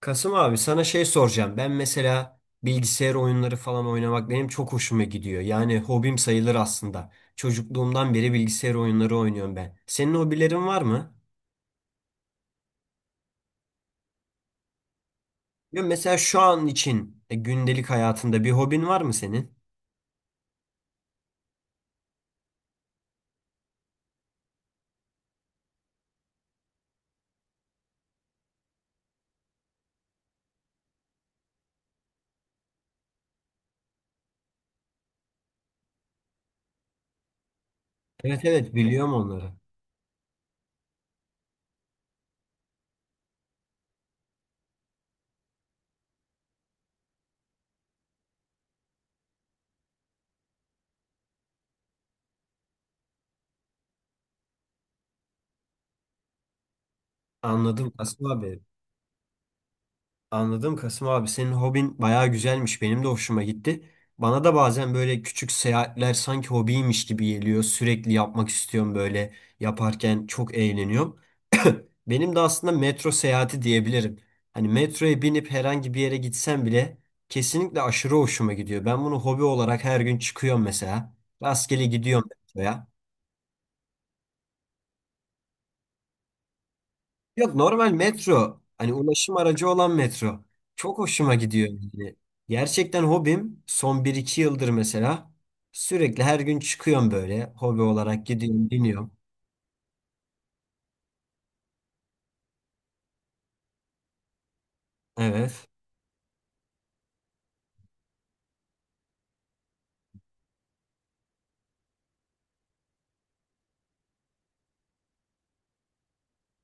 Kasım abi sana şey soracağım. Ben mesela bilgisayar oyunları falan oynamak benim çok hoşuma gidiyor. Yani hobim sayılır aslında. Çocukluğumdan beri bilgisayar oyunları oynuyorum ben. Senin hobilerin var mı? Ya mesela şu an için gündelik hayatında bir hobin var mı senin? Evet, biliyorum onları. Anladım Kasım abi. Anladım Kasım abi. Senin hobin bayağı güzelmiş. Benim de hoşuma gitti. Bana da bazen böyle küçük seyahatler sanki hobiymiş gibi geliyor. Sürekli yapmak istiyorum böyle. Yaparken çok eğleniyorum. Benim de aslında metro seyahati diyebilirim. Hani metroya binip herhangi bir yere gitsem bile kesinlikle aşırı hoşuma gidiyor. Ben bunu hobi olarak her gün çıkıyorum mesela. Rastgele gidiyorum metroya. Yok, normal metro. Hani ulaşım aracı olan metro. Çok hoşuma gidiyor. Yani. Gerçekten hobim son bir iki yıldır mesela. Sürekli her gün çıkıyorum böyle. Hobi olarak gidiyorum, biniyorum. Evet.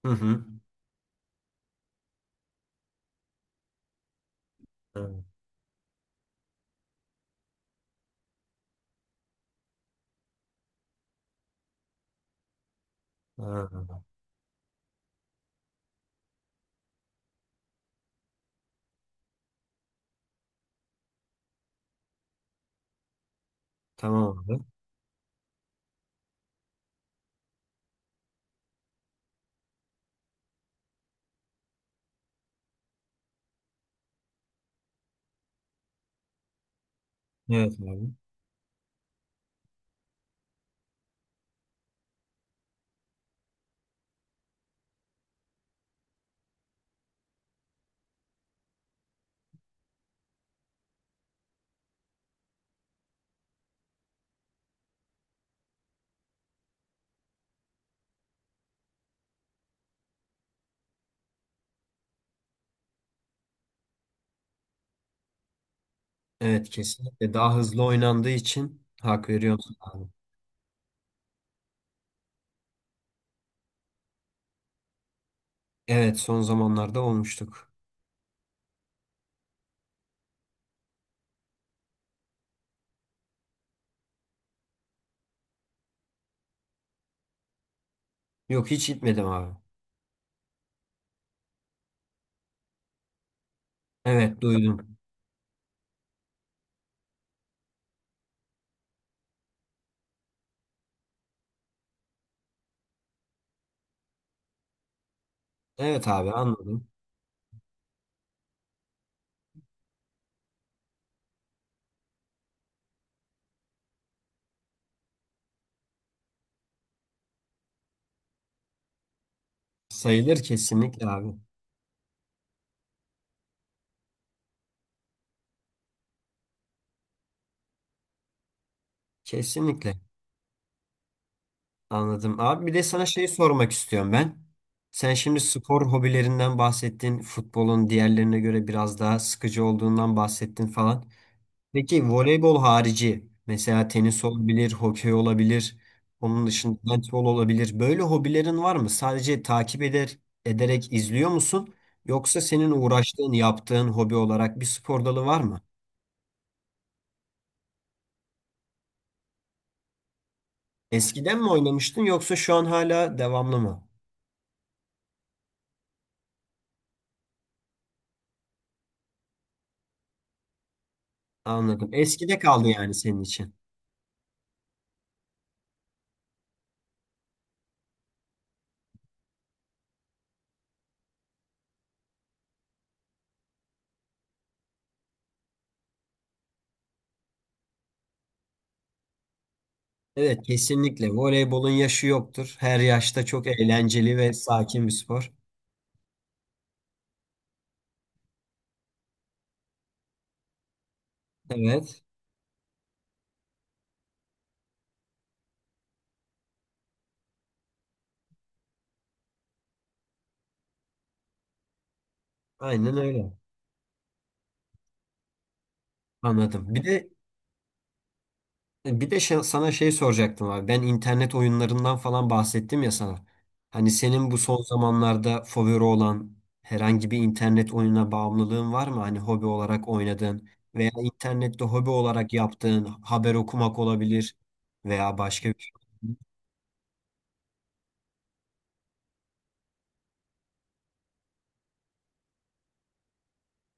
Hı hı. Evet. Ha, ha. Tamam abi. Evet abi. Evet, kesinlikle daha hızlı oynandığı için hak veriyorsun abi. Evet, son zamanlarda olmuştuk. Yok, hiç gitmedim abi. Evet, duydum. Evet abi, anladım. Sayılır kesinlikle abi. Kesinlikle anladım. Abi bir de sana şey sormak istiyorum ben. Sen şimdi spor hobilerinden bahsettin. Futbolun diğerlerine göre biraz daha sıkıcı olduğundan bahsettin falan. Peki voleybol harici mesela tenis olabilir, hokey olabilir, onun dışında handbol olabilir. Böyle hobilerin var mı? Sadece takip ederek izliyor musun? Yoksa senin uğraştığın, yaptığın hobi olarak bir spor dalı var mı? Eskiden mi oynamıştın yoksa şu an hala devamlı mı? Anladım. Eskide kaldı yani senin için. Evet, kesinlikle. Voleybolun yaşı yoktur. Her yaşta çok eğlenceli ve sakin bir spor. Evet, aynen öyle. Anladım. Bir de sana şey soracaktım abi. Ben internet oyunlarından falan bahsettim ya sana. Hani senin bu son zamanlarda favori olan herhangi bir internet oyununa bağımlılığın var mı? Hani hobi olarak oynadığın veya internette hobi olarak yaptığın haber okumak olabilir veya başka bir şey.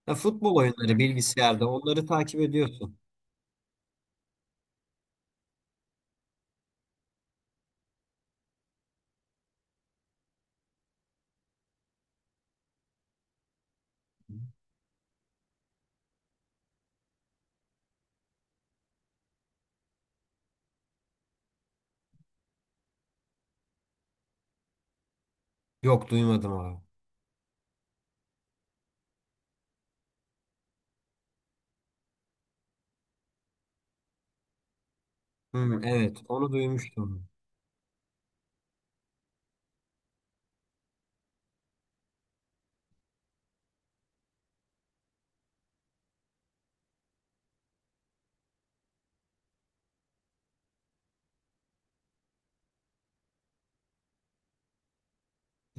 Ya futbol oyunları bilgisayarda onları takip ediyorsun. Yok, duymadım abi. Hı, evet onu duymuştum.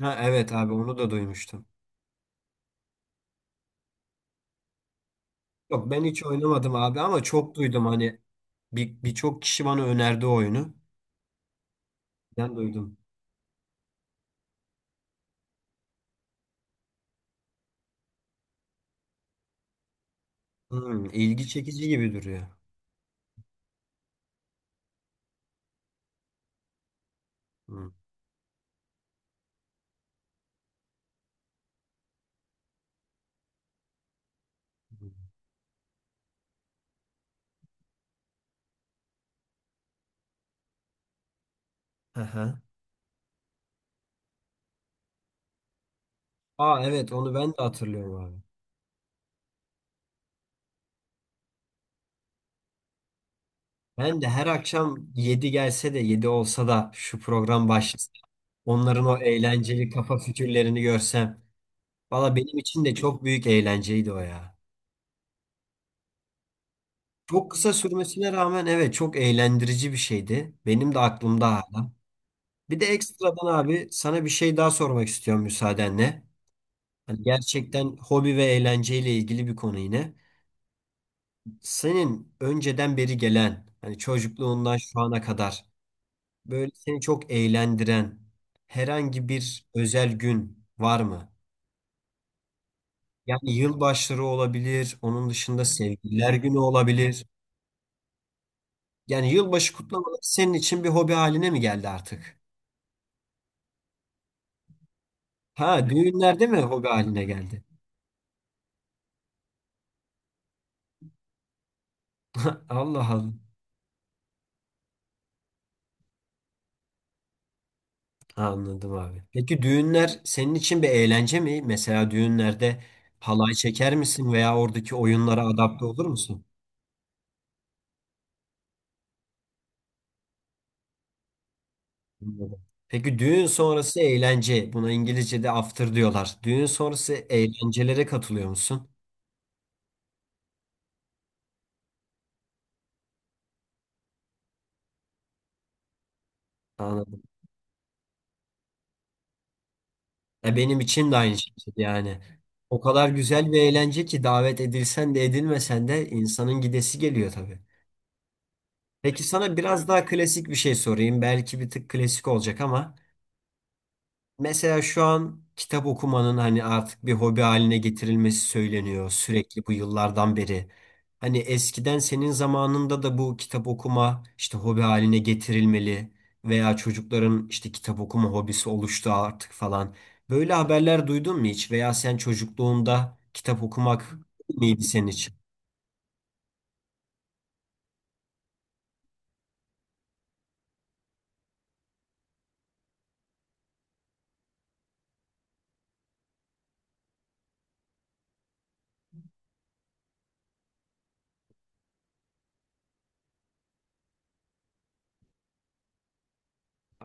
Ha, evet abi onu da duymuştum. Yok, ben hiç oynamadım abi ama çok duydum hani birçok kişi bana önerdi o oyunu. Ben duydum. Hmm, ilgi çekici gibi duruyor. Hmm. Aha. Aa, evet onu ben de hatırlıyorum abi. Ben de her akşam 7 gelse de 7 olsa da şu program başlasa onların o eğlenceli kafa fikirlerini görsem. Valla benim için de çok büyük eğlenceydi o ya. Çok kısa sürmesine rağmen evet çok eğlendirici bir şeydi. Benim de aklımda hala. Bir de ekstradan abi sana bir şey daha sormak istiyorum müsaadenle. Hani gerçekten hobi ve eğlenceyle ilgili bir konu yine. Senin önceden beri gelen, hani çocukluğundan şu ana kadar böyle seni çok eğlendiren herhangi bir özel gün var mı? Yani yılbaşları olabilir, onun dışında sevgililer günü olabilir. Yani yılbaşı kutlamaları senin için bir hobi haline mi geldi artık? Ha, düğünler değil mi hobi haline geldi? Allah Allah. Anladım abi. Peki düğünler senin için bir eğlence mi? Mesela düğünlerde halay çeker misin veya oradaki oyunlara adapte olur musun? Anladım. Peki düğün sonrası eğlence. Buna İngilizce'de after diyorlar. Düğün sonrası eğlencelere katılıyor musun? Anladım. E benim için de aynı şekilde yani. O kadar güzel bir eğlence ki davet edilsen de edilmesen de insanın gidesi geliyor tabii. Peki sana biraz daha klasik bir şey sorayım. Belki bir tık klasik olacak ama. Mesela şu an kitap okumanın hani artık bir hobi haline getirilmesi söyleniyor sürekli bu yıllardan beri. Hani eskiden senin zamanında da bu kitap okuma işte hobi haline getirilmeli veya çocukların işte kitap okuma hobisi oluştu artık falan. Böyle haberler duydun mu hiç? Veya sen çocukluğunda kitap okumak mıydı senin için?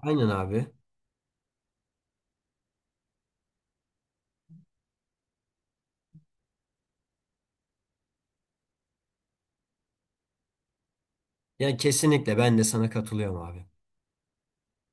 Aynen abi. Yani kesinlikle ben de sana katılıyorum abi.